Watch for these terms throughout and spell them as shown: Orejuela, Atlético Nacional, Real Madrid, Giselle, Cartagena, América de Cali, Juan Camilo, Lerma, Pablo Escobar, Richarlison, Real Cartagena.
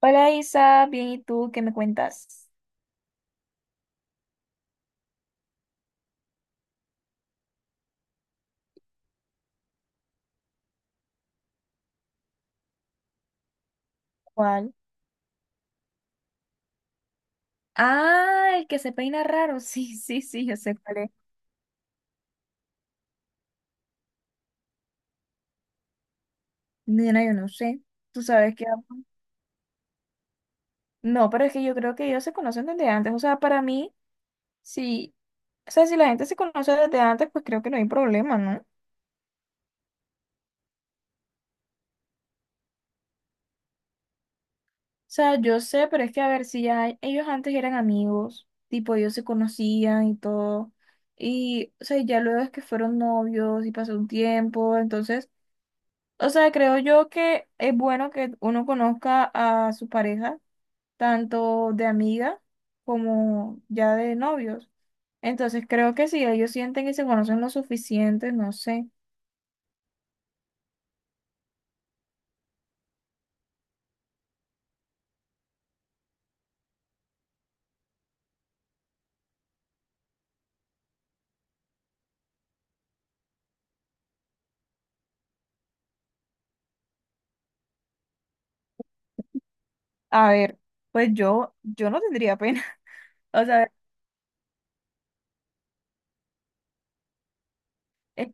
Hola Isa, bien, ¿y tú qué me cuentas? ¿Cuál? Ah, el que se peina raro, sí, sí, sí, yo sé cuál es. Nena, yo no sé, tú sabes que... No, pero es que yo creo que ellos se conocen desde antes, o sea, para mí, sí, o sea, si la gente se conoce desde antes, pues creo que no hay problema, ¿no? O sea, yo sé, pero es que a ver, si ya ellos antes eran amigos, tipo, ellos se conocían y todo, y, o sea, ya luego es que fueron novios y pasó un tiempo, entonces... O sea, creo yo que es bueno que uno conozca a su pareja, tanto de amiga como ya de novios. Entonces, creo que si ellos sienten que se conocen lo suficiente, no sé. A ver, pues yo no tendría pena. O sea, es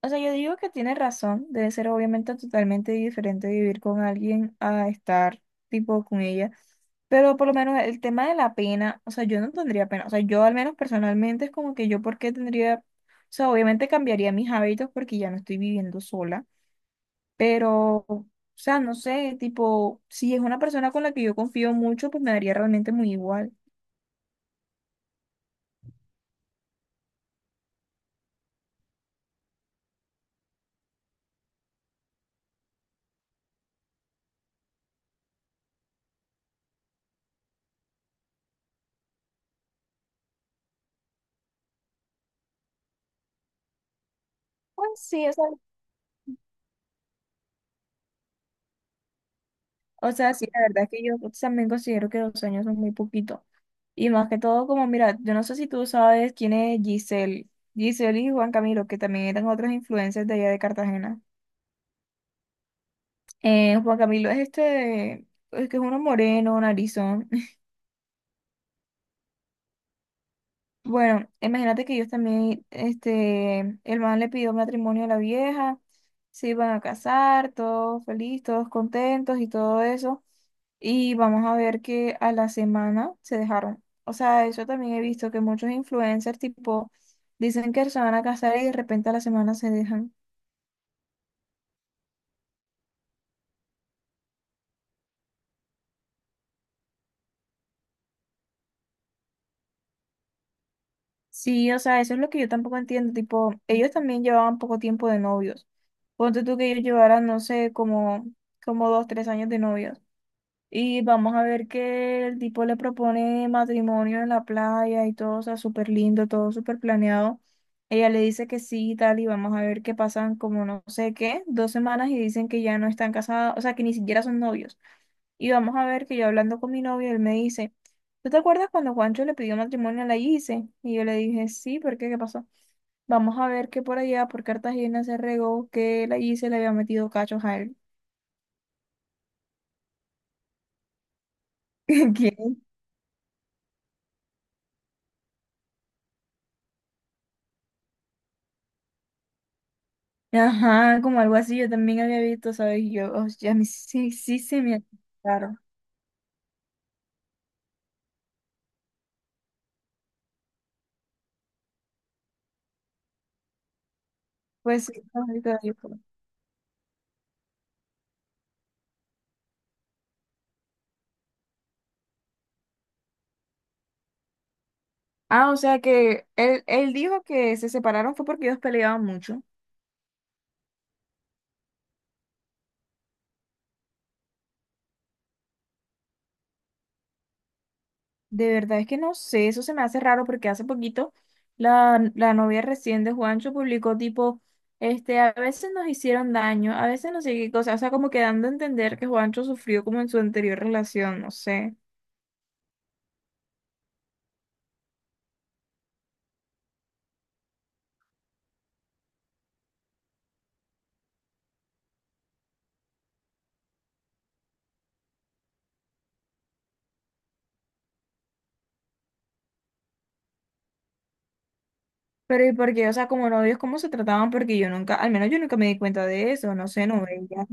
o sea, yo digo que tiene razón, debe ser obviamente totalmente diferente vivir con alguien a estar tipo con ella, pero por lo menos el tema de la pena, o sea, yo no tendría pena, o sea, yo al menos personalmente es como que yo por qué tendría, o sea, obviamente cambiaría mis hábitos porque ya no estoy viviendo sola, pero, o sea, no sé, tipo, si es una persona con la que yo confío mucho, pues me daría realmente muy igual. Pues sí, o sea, o sea, sí, la verdad es que yo también considero que 2 años son muy poquito. Y más que todo, como mira, yo no sé si tú sabes quién es Giselle. Giselle y Juan Camilo, que también eran otras influencias de allá de Cartagena. Juan Camilo es este, es que es uno moreno, narizón. Bueno, imagínate que ellos también, este, el man le pidió matrimonio a la vieja, se iban a casar, todos felices, todos contentos y todo eso. Y vamos a ver que a la semana se dejaron. O sea, eso también he visto que muchos influencers tipo dicen que se van a casar y de repente a la semana se dejan. Sí, o sea, eso es lo que yo tampoco entiendo. Tipo, ellos también llevaban poco tiempo de novios. Ponte tú que ellos llevaran, no sé, como 2, 3 años de novios. Y vamos a ver que el tipo le propone matrimonio en la playa y todo, o sea, súper lindo, todo súper planeado. Ella le dice que sí y tal, y vamos a ver que pasan como no sé qué, 2 semanas y dicen que ya no están casados, o sea, que ni siquiera son novios. Y vamos a ver que yo hablando con mi novio, él me dice, ¿tú te acuerdas cuando Juancho le pidió matrimonio a la Gise? Y yo le dije, sí, ¿por qué? ¿Qué pasó? Vamos a ver que por allá, por Cartagena, se regó que la Gise le había metido cachos a él. ¿Quién ajá, como algo así, yo también había visto, ¿sabes? Y yo, oh, ya me, sí, sí se me claro. Pues sí, no, ahorita dijo. Ah, o sea que él dijo que se separaron fue porque ellos peleaban mucho. De verdad es que no sé, eso se me hace raro porque hace poquito la novia recién de Juancho publicó tipo, este, a veces nos hicieron daño, a veces no sé qué cosa, o sea, como que dando a entender que Juancho sufrió como en su anterior relación, no sé. Pero ¿y por qué? O sea, como novios, ¿cómo se trataban? Porque yo nunca, al menos yo nunca me di cuenta de eso, no sé, no veía.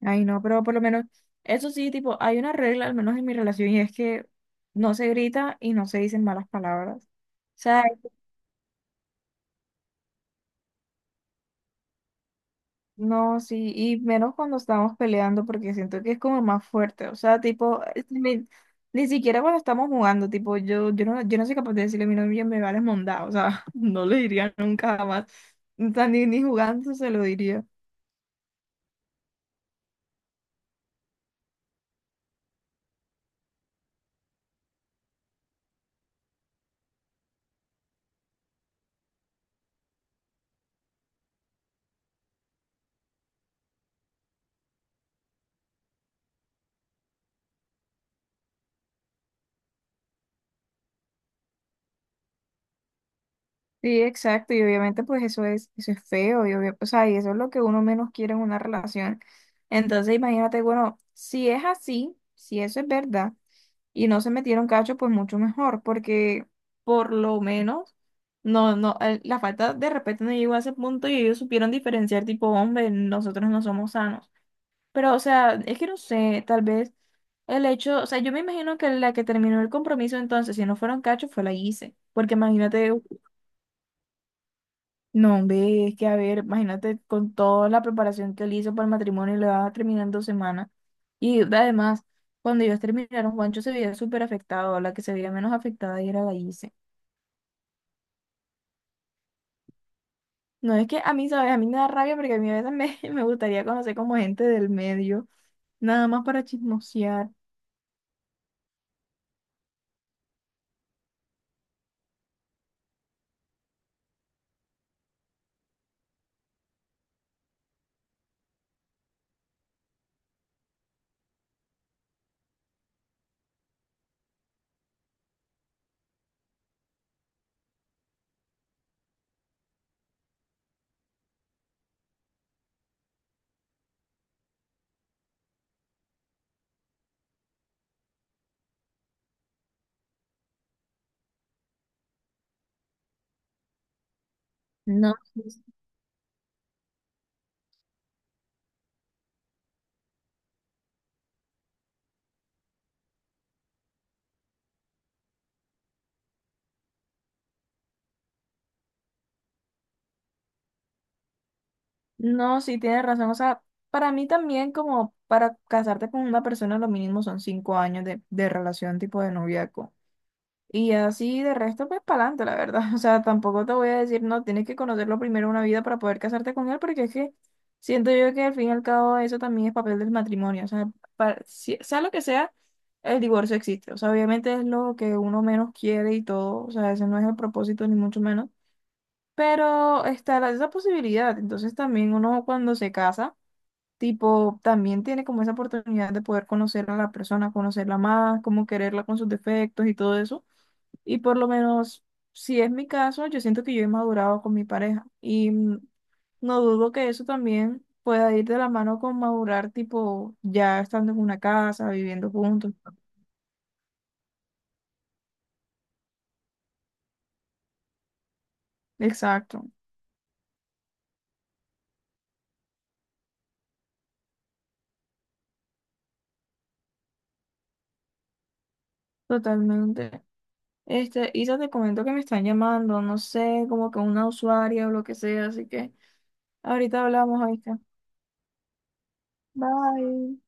Ay, no, pero por lo menos, eso sí, tipo, hay una regla, al menos en mi relación, y es que no se grita y no se dicen malas palabras. O sea, no, sí, y menos cuando estamos peleando, porque siento que es como más fuerte. O sea, tipo, ni siquiera cuando estamos jugando, tipo, yo no soy capaz de decirle a mi novia me vale mondá. O sea, no le diría nunca jamás. O sea, ni jugando se lo diría. Sí, exacto, y obviamente pues eso es feo, y obvio, o sea, y eso es lo que uno menos quiere en una relación. Entonces imagínate, bueno, si es así, si eso es verdad, y no se metieron cacho, pues mucho mejor, porque por lo menos, no, no, el- la falta de respeto no llegó a ese punto y ellos supieron diferenciar tipo, hombre, nosotros no somos sanos. Pero, o sea, es que no sé, tal vez el hecho, o sea, yo me imagino que la que terminó el compromiso entonces, si no fueron cachos, fue la hice, porque imagínate no, hombre, es que a ver, imagínate con toda la preparación que él hizo para el matrimonio, le va a terminar en 2 semanas. Y además, cuando ellos terminaron, Juancho se veía súper afectado, la que se veía menos afectada y era Gallise. No es que a mí, ¿sabes? A mí me da rabia porque a mí a veces me, me gustaría conocer como gente del medio, nada más para chismosear. No, sí, no, sí, tienes razón. O sea, para mí también como para casarte con una persona, lo mínimo son 5 años de relación tipo de noviazgo. Y así de resto, pues para adelante, la verdad. O sea, tampoco te voy a decir, no, tienes que conocerlo primero una vida para poder casarte con él, porque es que siento yo que al fin y al cabo eso también es papel del matrimonio. O sea, sea lo que sea, el divorcio existe. O sea, obviamente es lo que uno menos quiere y todo. O sea, ese no es el propósito, ni mucho menos. Pero está esa posibilidad. Entonces también uno cuando se casa, tipo, también tiene como esa oportunidad de poder conocer a la persona, conocerla más, como quererla con sus defectos y todo eso. Y por lo menos, si es mi caso, yo siento que yo he madurado con mi pareja. Y no dudo que eso también pueda ir de la mano con madurar, tipo, ya estando en una casa, viviendo juntos. Exacto, totalmente. Este, Isa, te comento que me están llamando, no sé, como que una usuaria o lo que sea, así que ahorita hablamos, ahí bye.